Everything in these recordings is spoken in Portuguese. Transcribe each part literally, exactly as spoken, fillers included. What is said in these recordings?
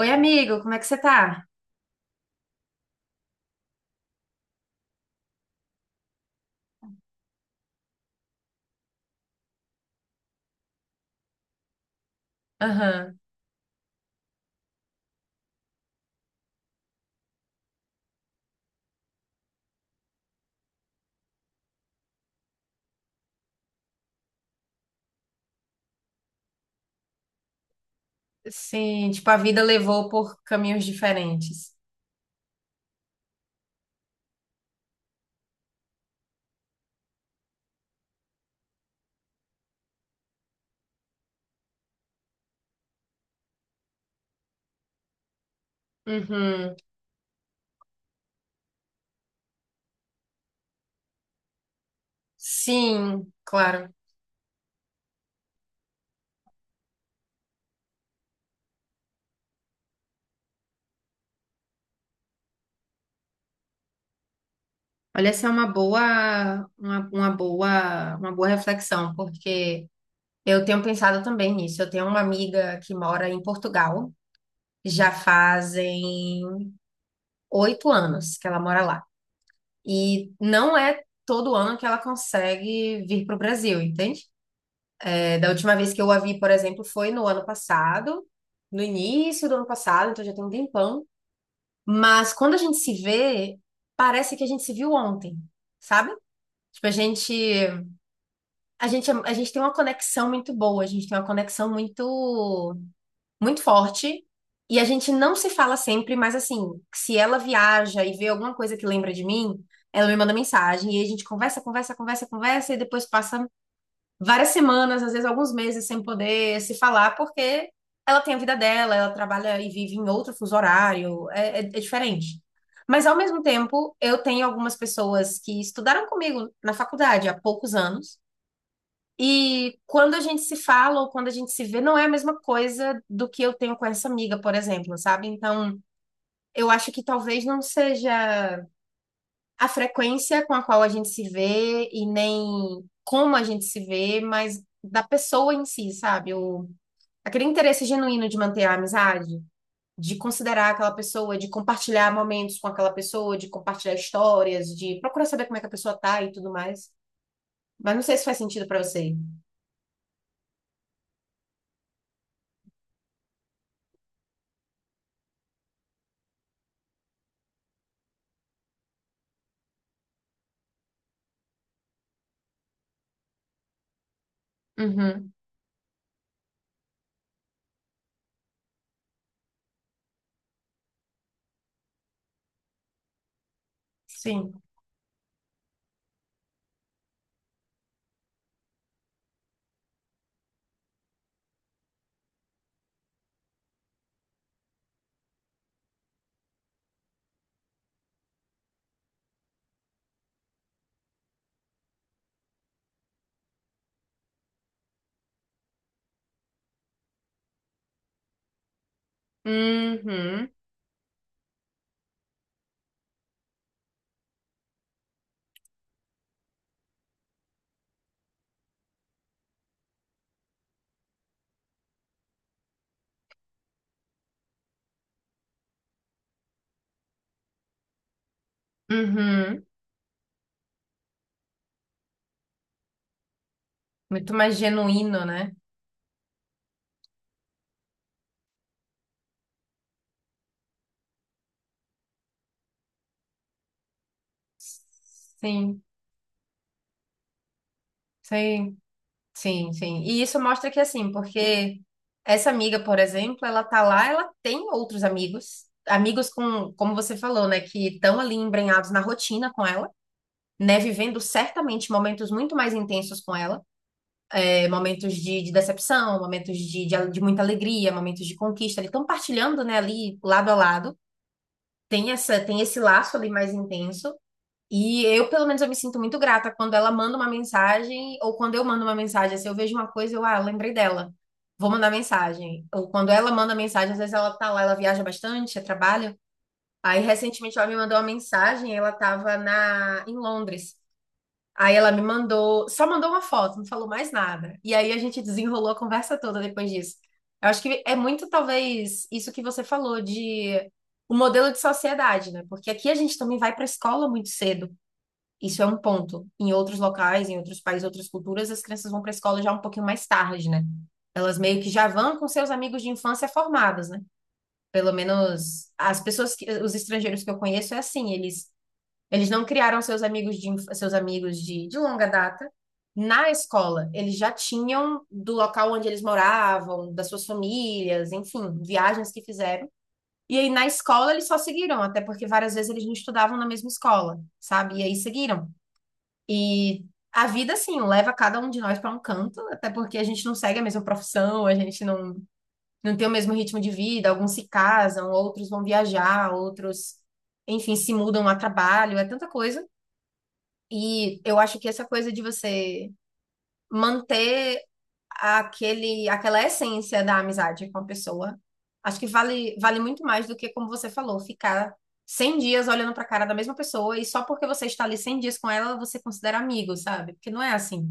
Oi, amigo, como é que você tá? Aham. Sim, tipo, a vida levou por caminhos diferentes. Uhum. Sim, claro. Olha, essa é uma boa, uma, uma boa, uma boa reflexão, porque eu tenho pensado também nisso. Eu tenho uma amiga que mora em Portugal, já fazem oito anos que ela mora lá. E não é todo ano que ela consegue vir para o Brasil, entende? É, da última vez que eu a vi, por exemplo, foi no ano passado, no início do ano passado, então já tem um tempão. Mas quando a gente se vê, parece que a gente se viu ontem, sabe? Tipo, a gente, a gente, a gente tem uma conexão muito boa, a gente tem uma conexão muito, muito forte. E a gente não se fala sempre, mas assim, se ela viaja e vê alguma coisa que lembra de mim, ela me manda mensagem e aí a gente conversa, conversa, conversa, conversa e depois passa várias semanas, às vezes alguns meses sem poder se falar, porque ela tem a vida dela, ela trabalha e vive em outro fuso horário, é, é- é diferente. Mas ao mesmo tempo, eu tenho algumas pessoas que estudaram comigo na faculdade há poucos anos, e quando a gente se fala ou quando a gente se vê, não é a mesma coisa do que eu tenho com essa amiga, por exemplo, sabe? Então, eu acho que talvez não seja a frequência com a qual a gente se vê e nem como a gente se vê, mas da pessoa em si, sabe? O, aquele interesse genuíno de manter a amizade, de considerar aquela pessoa, de compartilhar momentos com aquela pessoa, de compartilhar histórias, de procurar saber como é que a pessoa tá e tudo mais. Mas não sei se faz sentido pra você. Uhum, sim. Uhum, uhum. Muito mais genuíno, né? Sim, sim. Sim, sim. E isso mostra que, assim, porque essa amiga, por exemplo, ela tá lá, ela tem outros amigos, amigos com, como você falou, né, que estão ali embrenhados na rotina com ela, né, vivendo certamente momentos muito mais intensos com ela, é, momentos de, de decepção, momentos de, de, ale- de muita alegria, momentos de conquista, eles estão partilhando, né, ali lado a lado. Tem essa, tem esse laço ali mais intenso, e eu, pelo menos, eu me sinto muito grata quando ela manda uma mensagem, ou quando eu mando uma mensagem. Se eu vejo uma coisa, eu, ah, lembrei dela, vou mandar mensagem. Ou quando ela manda mensagem, às vezes ela tá lá, ela viaja bastante, é trabalho. Aí, recentemente, ela me mandou uma mensagem, ela tava na, em Londres. Aí ela me mandou, só mandou uma foto, não falou mais nada. E aí a gente desenrolou a conversa toda depois disso. Eu acho que é muito, talvez, isso que você falou de o modelo de sociedade, né? Porque aqui a gente também vai para a escola muito cedo. Isso é um ponto. Em outros locais, em outros países, outras culturas, as crianças vão para a escola já um pouquinho mais tarde, né? Elas meio que já vão com seus amigos de infância formados, né? Pelo menos as pessoas que, os estrangeiros que eu conheço é assim, eles eles não criaram seus amigos de inf- seus amigos de, de longa data na escola. Eles já tinham do local onde eles moravam, das suas famílias, enfim, viagens que fizeram. E aí na escola eles só seguiram, até porque várias vezes eles não estudavam na mesma escola, sabe? E aí seguiram. E a vida, assim, leva cada um de nós para um canto, até porque a gente não segue a mesma profissão, a gente não, não tem o mesmo ritmo de vida. Alguns se casam, outros vão viajar, outros, enfim, se mudam a trabalho, é tanta coisa. E eu acho que essa coisa de você manter aquele, aquela essência da amizade com a pessoa, acho que vale, vale muito mais do que, como você falou, ficar cem dias olhando para a cara da mesma pessoa e só porque você está ali cem dias com ela, você considera amigo, sabe? Porque não é assim.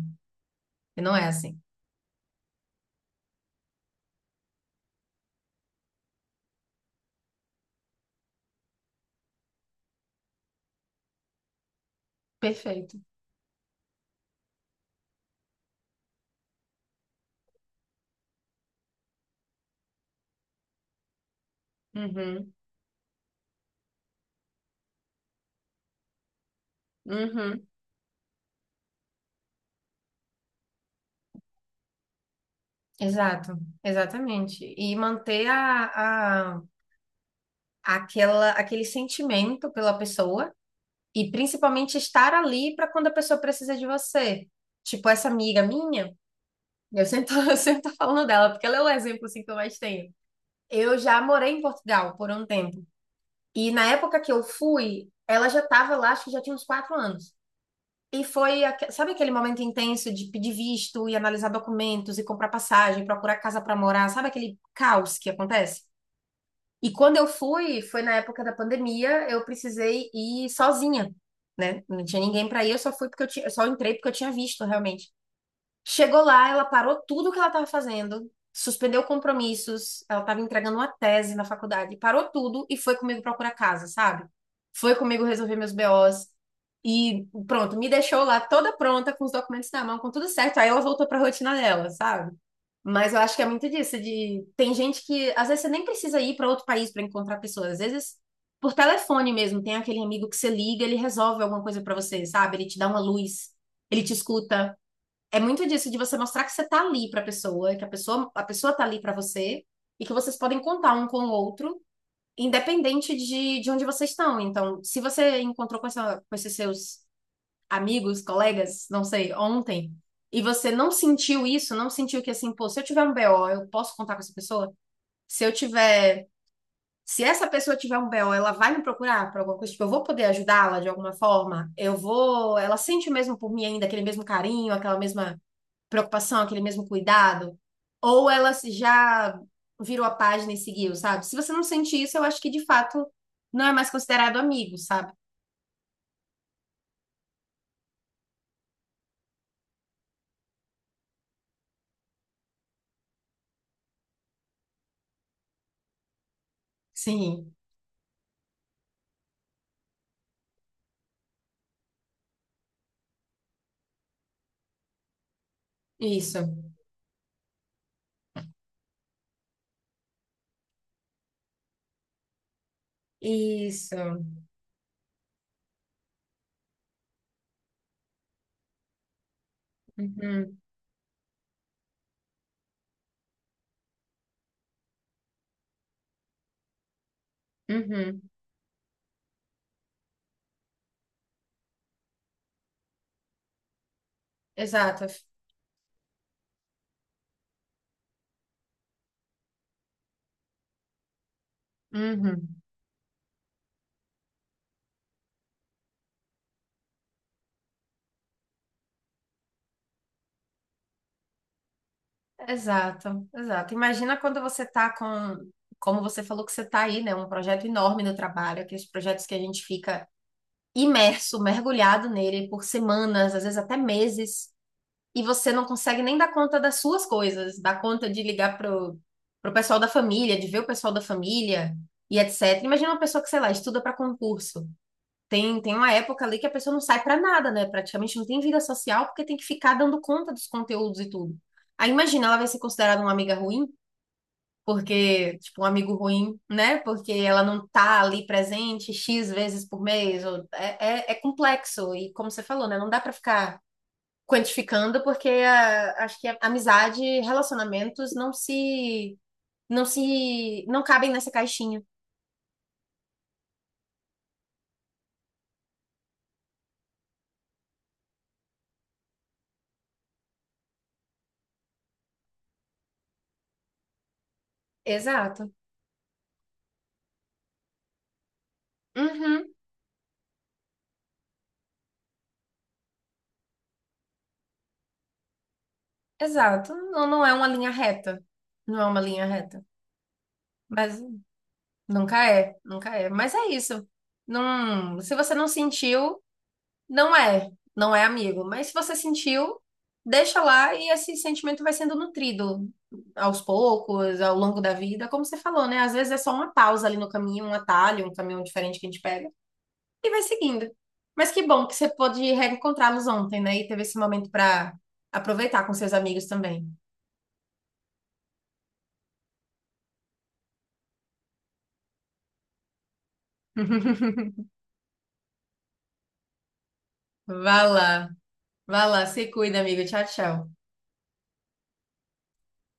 E não é assim. Perfeito. Uhum. Uhum. Exato, exatamente. E manter a, a, aquela, aquele sentimento pela pessoa e principalmente estar ali para quando a pessoa precisa de você. Tipo, essa amiga minha, eu sempre tô, eu sempre tô falando dela, porque ela é o exemplo assim, que eu mais tenho. Eu já morei em Portugal por um tempo. E na época que eu fui, ela já estava lá, acho que já tinha uns quatro anos. E foi, aque- sabe aquele momento intenso de pedir visto e analisar documentos e comprar passagem, procurar casa para morar, sabe aquele caos que acontece? E quando eu fui, foi na época da pandemia, eu precisei ir sozinha, né? Não tinha ninguém para ir, eu só fui porque eu tinha, eu só entrei porque eu tinha visto realmente. Chegou lá, ela parou tudo que ela estava fazendo, suspendeu compromissos, ela estava entregando uma tese na faculdade, parou tudo e foi comigo procurar casa, sabe? Foi comigo resolver meus B Os e pronto, me deixou lá toda pronta, com os documentos na mão, com tudo certo. Aí ela voltou para a rotina dela, sabe? Mas eu acho que é muito disso, de tem gente que às vezes você nem precisa ir para outro país para encontrar pessoas, às vezes por telefone mesmo, tem aquele amigo que você liga, ele resolve alguma coisa para você, sabe? Ele te dá uma luz, ele te escuta, é muito disso de você mostrar que você tá ali pra pessoa, que a pessoa, a pessoa tá ali pra você e que vocês podem contar um com o outro, independente de, de onde vocês estão. Então, se você encontrou com, essa, com esses seus amigos, colegas, não sei, ontem, e você não sentiu isso, não sentiu que assim, pô, se eu tiver um B O, eu posso contar com essa pessoa? Se eu tiver. Se essa pessoa tiver um B O, ela vai me procurar por alguma coisa, tipo, eu vou poder ajudá-la de alguma forma, eu vou. Ela sente mesmo por mim ainda aquele mesmo carinho, aquela mesma preocupação, aquele mesmo cuidado, ou ela se- já virou a página e seguiu, sabe? Se você não sente isso, eu acho que de fato não é mais considerado amigo, sabe? Sim, isso, isso, uhum, uhum, exato, uhum, exato, exato. Imagina quando você tá com, como você falou que você tá aí, né? Um projeto enorme no trabalho, aqueles projetos que a gente fica imerso, mergulhado nele por semanas, às vezes até meses. E você não consegue nem dar conta das suas coisas, dar conta de ligar pro, pro pessoal da família, de ver o pessoal da família e etcetera. Imagina uma pessoa que, sei lá, estuda para concurso. Tem, tem uma época ali que a pessoa não sai para nada, né? Praticamente não tem vida social porque tem que ficar dando conta dos conteúdos e tudo. Aí imagina, ela vai ser considerada uma amiga ruim, porque, tipo, um amigo ruim, né? Porque ela não tá ali presente X vezes por mês. ou- É, é, é complexo. E como você falou, né? Não dá para ficar quantificando, porque a acho que a amizade, e relacionamentos não se, não se, não cabem nessa caixinha. Exato. Uhum, exato. Não, não é uma linha reta. Não é uma linha reta. Mas nunca é, nunca é. Mas é isso. Não, se você não sentiu, não é, não é amigo, mas se você sentiu, deixa lá e esse sentimento vai sendo nutrido aos poucos, ao longo da vida, como você falou, né? Às vezes é só uma pausa ali no caminho, um atalho, um caminho diferente que a gente pega e vai seguindo. Mas que bom que você pôde reencontrá-los ontem, né? E teve esse momento para aproveitar com seus amigos também. Vá lá, vá lá, se cuida, amigo. Tchau, tchau.